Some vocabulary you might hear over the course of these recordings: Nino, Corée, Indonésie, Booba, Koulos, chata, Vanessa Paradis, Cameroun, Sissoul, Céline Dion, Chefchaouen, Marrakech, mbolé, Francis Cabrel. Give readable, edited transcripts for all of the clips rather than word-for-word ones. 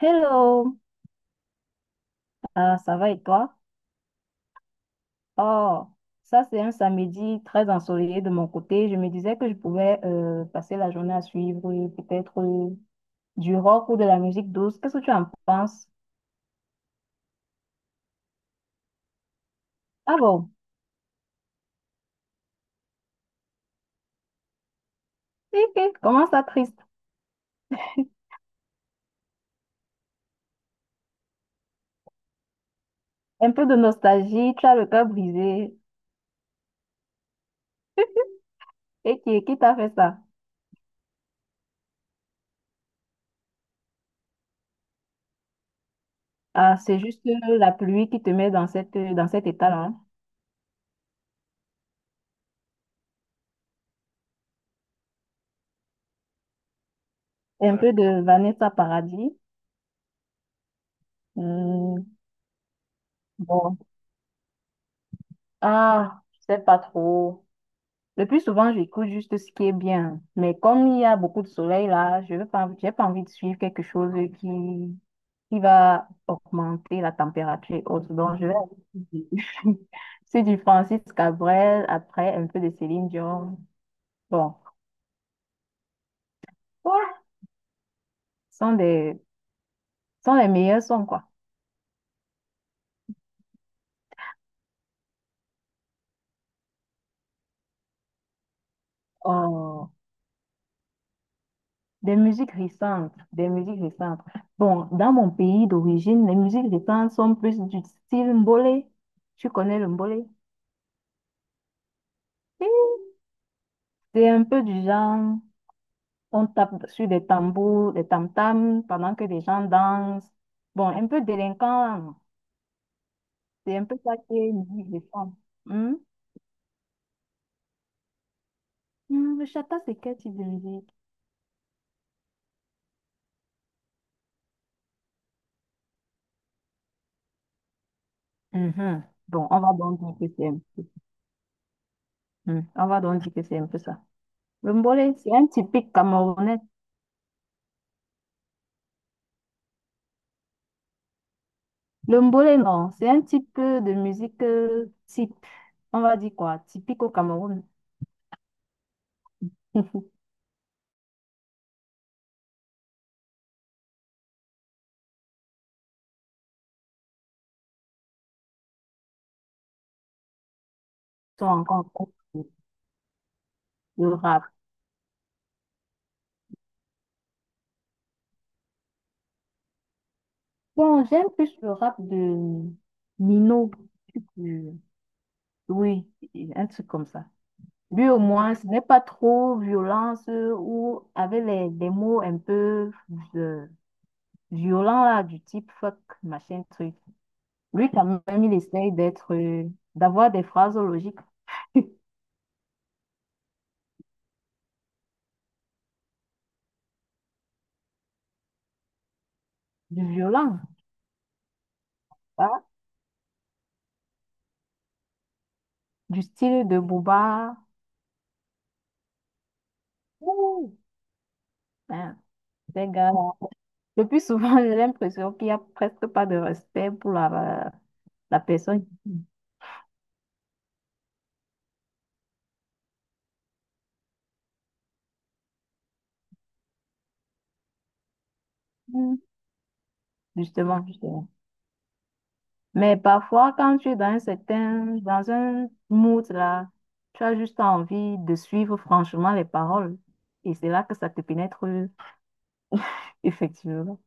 Hello. Ça va et toi? Oh, ça c'est un samedi très ensoleillé de mon côté. Je me disais que je pouvais passer la journée à suivre peut-être du rock ou de la musique douce. Qu'est-ce que tu en penses? Ah bon? Ok, comment ça triste? Un peu de nostalgie, tu as le cœur brisé. Et qui t'a fait ça? Ah, c'est juste la pluie qui te met dans dans cet état-là. Un peu de Vanessa Paradis. Hmm, bon. Ah, je sais pas trop. Le plus souvent, j'écoute juste ce qui est bien. Mais comme il y a beaucoup de soleil là, je veux pas, j'ai pas envie de suivre quelque chose qui, qui va augmenter la température et autres. Donc, je vais aller sur du sur du Francis Cabrel, après un peu de Céline Dion. Bon, ouais, ce sont des, ce sont les meilleurs sons, quoi. Oh, des musiques récentes, des musiques récentes. Bon, dans mon pays d'origine, les musiques récentes sont plus du style mbolé. Tu connais le mbolé? Oui. C'est un peu du genre, on tape sur des tambours, des tam-tams pendant que les gens dansent. Bon, un peu délinquant, hein. C'est un peu ça qui est une musique de femme. Hmm? Hmm, le chata, c'est quel type de musique? Mhm. Bon, on va donc dire que c'est un peu. Hmm, on va donc dire que c'est un peu ça. Le mbolé, c'est un typique camerounais. Le mbolé, non, c'est un type de musique type. On va dire quoi? Typique au Cameroun. Ils sont encore en train de- de rap. Bon, j'aime plus le rap de Nino. Euh, Oui, un truc comme ça. Lui, au moins, ce n'est pas trop violence ou avec les mots un peu euh, violents, là, du type fuck, machin, truc. Lui, quand même, il essaye d'avoir des phrases logiques. Du violent, hein, du style de Booba. Ouh, hein, ces gars. Le plus souvent, j'ai l'impression qu'il n'y a presque pas de respect pour la personne. Justement, justement. Mais parfois, quand tu es dans un dans un mood là, tu as juste envie de suivre franchement les paroles. Et c'est là que ça te pénètre effectivement.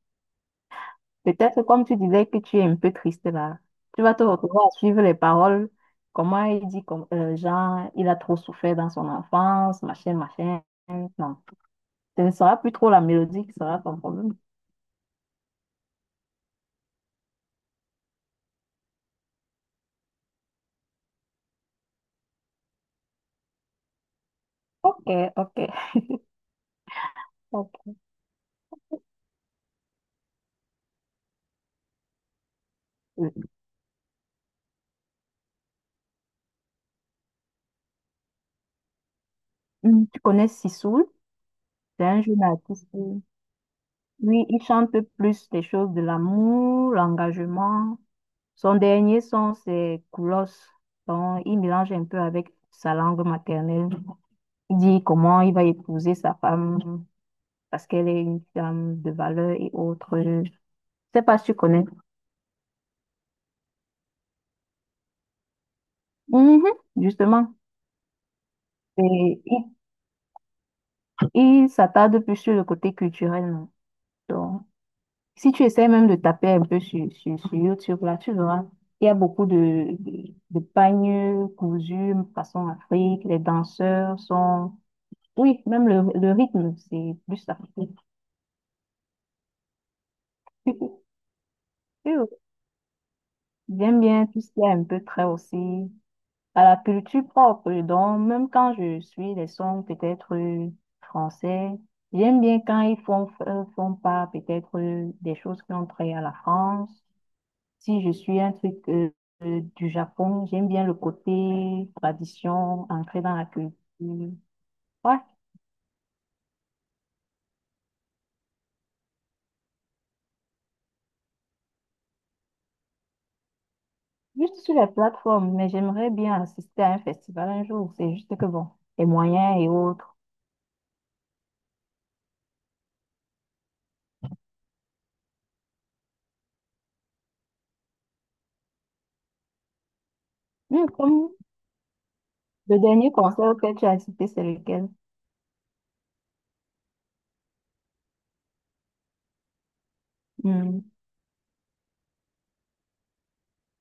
Peut-être comme tu disais que tu es un peu triste là, tu vas te retrouver à suivre les paroles. Comment il dit, comme, genre, il a trop souffert dans son enfance, machin, machin. Non, ce ne sera plus trop la mélodie qui sera ton problème. Ok, ok, ok. Euh, Tu connais Sissoul? C'est un jeune artiste. Oui, il chante plus des choses de l'amour, l'engagement. Son dernier son, c'est Koulos. Donc, il mélange un peu avec sa langue maternelle. Il dit comment il va épouser sa femme parce qu'elle est une femme de valeur et autres. Je sais pas si tu connais. Mhm, justement. Et il, il s'attarde plus sur le côté culturel. Non. Donc, si tu essaies même de taper un peu sur YouTube, là, tu verras, il y a beaucoup de pagnes cousus façon Afrique, les danseurs sont... Oui, même le rythme, c'est plus africain. Oui, j'aime bien tout ce qui est un peu trait aussi à la culture propre. Donc, même quand je suis des sons peut-être français, j'aime bien quand ils font, font pas peut-être des choses qui ont trait à la France. Si je suis un truc du Japon, j'aime bien le côté tradition, entrer dans la culture. Ouais, juste sur les plateformes, mais j'aimerais bien assister à un festival un jour. C'est juste que bon, les moyens et autres. Hmm, comme le dernier concert auquel tu as assisté, c'est lequel? Hmm,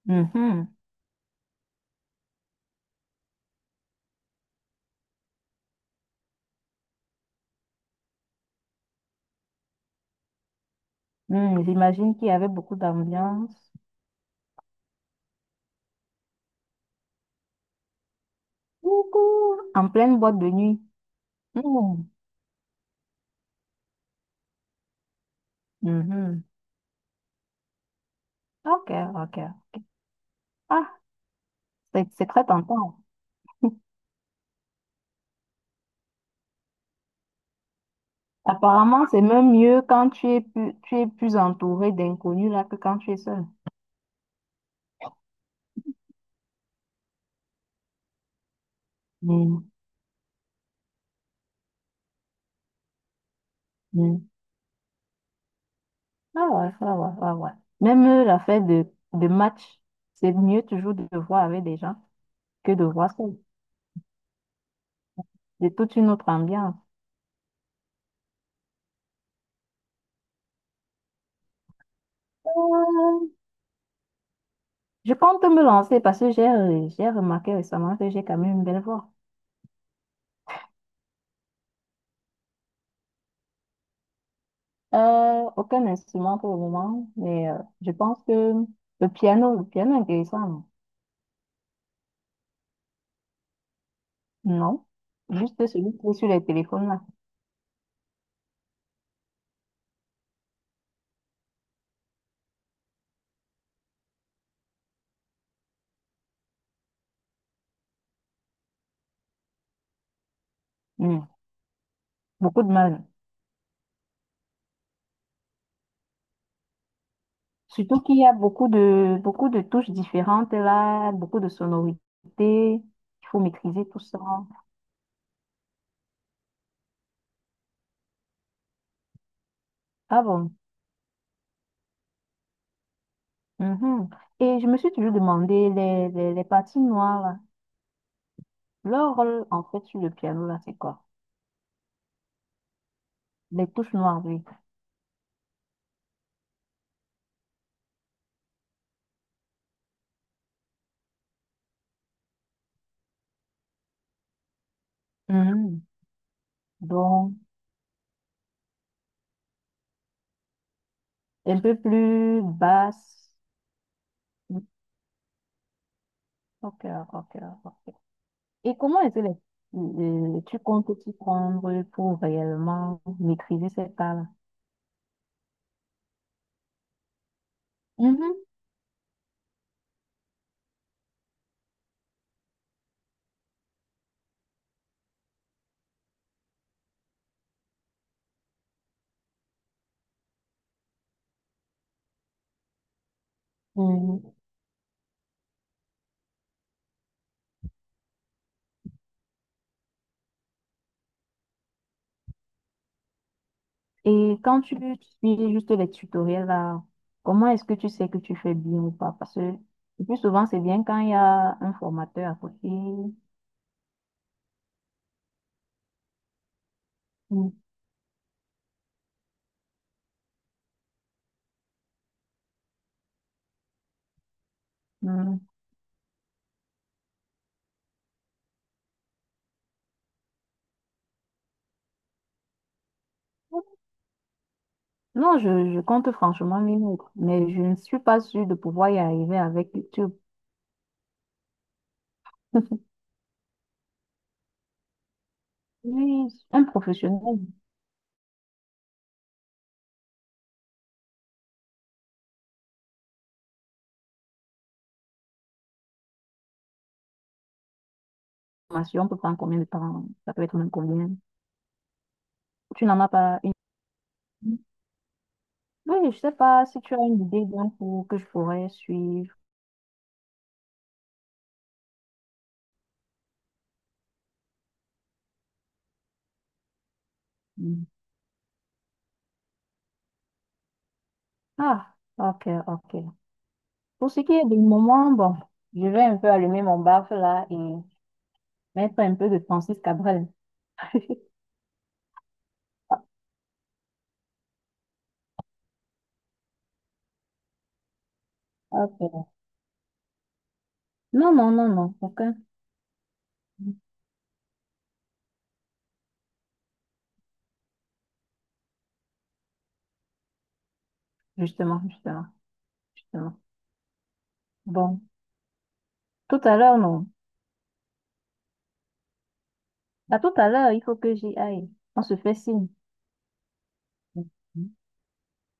mhm. Hmm, j'imagine qu'il y avait beaucoup d'ambiance. Beaucoup. En pleine boîte de nuit. Hmm, mhm. Ok, ok. Ah, c'est très tentant. Apparemment, c'est même mieux quand tu es plus entouré d'inconnus là que quand tu es seul. Mm, mm. Ah ouais, ah ouais, ah ouais. Même l'affaire de match, c'est mieux toujours de voir avec des gens que de voir seul. C'est toute une autre ambiance. Euh, Je compte me lancer parce que j'ai remarqué récemment que j'ai quand même une belle voix. Aucun instrument pour le moment, mais je pense que le piano est intéressant, non? Juste celui qui est sur les téléphones là. Hmm. Beaucoup de mal. Surtout qu'il y a beaucoup beaucoup de touches différentes là, beaucoup de sonorités. Il faut maîtriser tout ça. Ah bon? Mhm. Et je me suis toujours demandé, les parties noires, là, leur rôle en fait sur le piano, là, c'est quoi? Les touches noires, oui. Mhm. Donc, un peu plus basse. Ok, ok, ok. Ok. Et comment est-ce que tu comptes t'y prendre pour réellement maîtriser cette part-là? Mhm. Et quand tu suis juste les tutoriels là, comment est-ce que tu sais que tu fais bien ou pas? Parce que le plus souvent, c'est bien quand il y a un formateur à côté. Mm. Mm. Non, je compte franchement mes mots, mais je ne suis pas sûre de pouvoir y arriver avec YouTube. Oui, un professionnel de formation peut prendre combien de temps? Ça peut être même combien? Tu n'en as pas une. Oui, je sais pas si tu as une idée d'un cours que je pourrais suivre. Mm. Ah, ok, ok. Pour ce qui est du moment, bon, je vais un peu allumer mon baffe là et mettre un peu de Francis Cabrel. Ok. Non, non, non, non, aucun. Justement, justement, justement. Bon, tout à l'heure, non. À tout à l'heure, il faut que j'y aille. On se fait signe.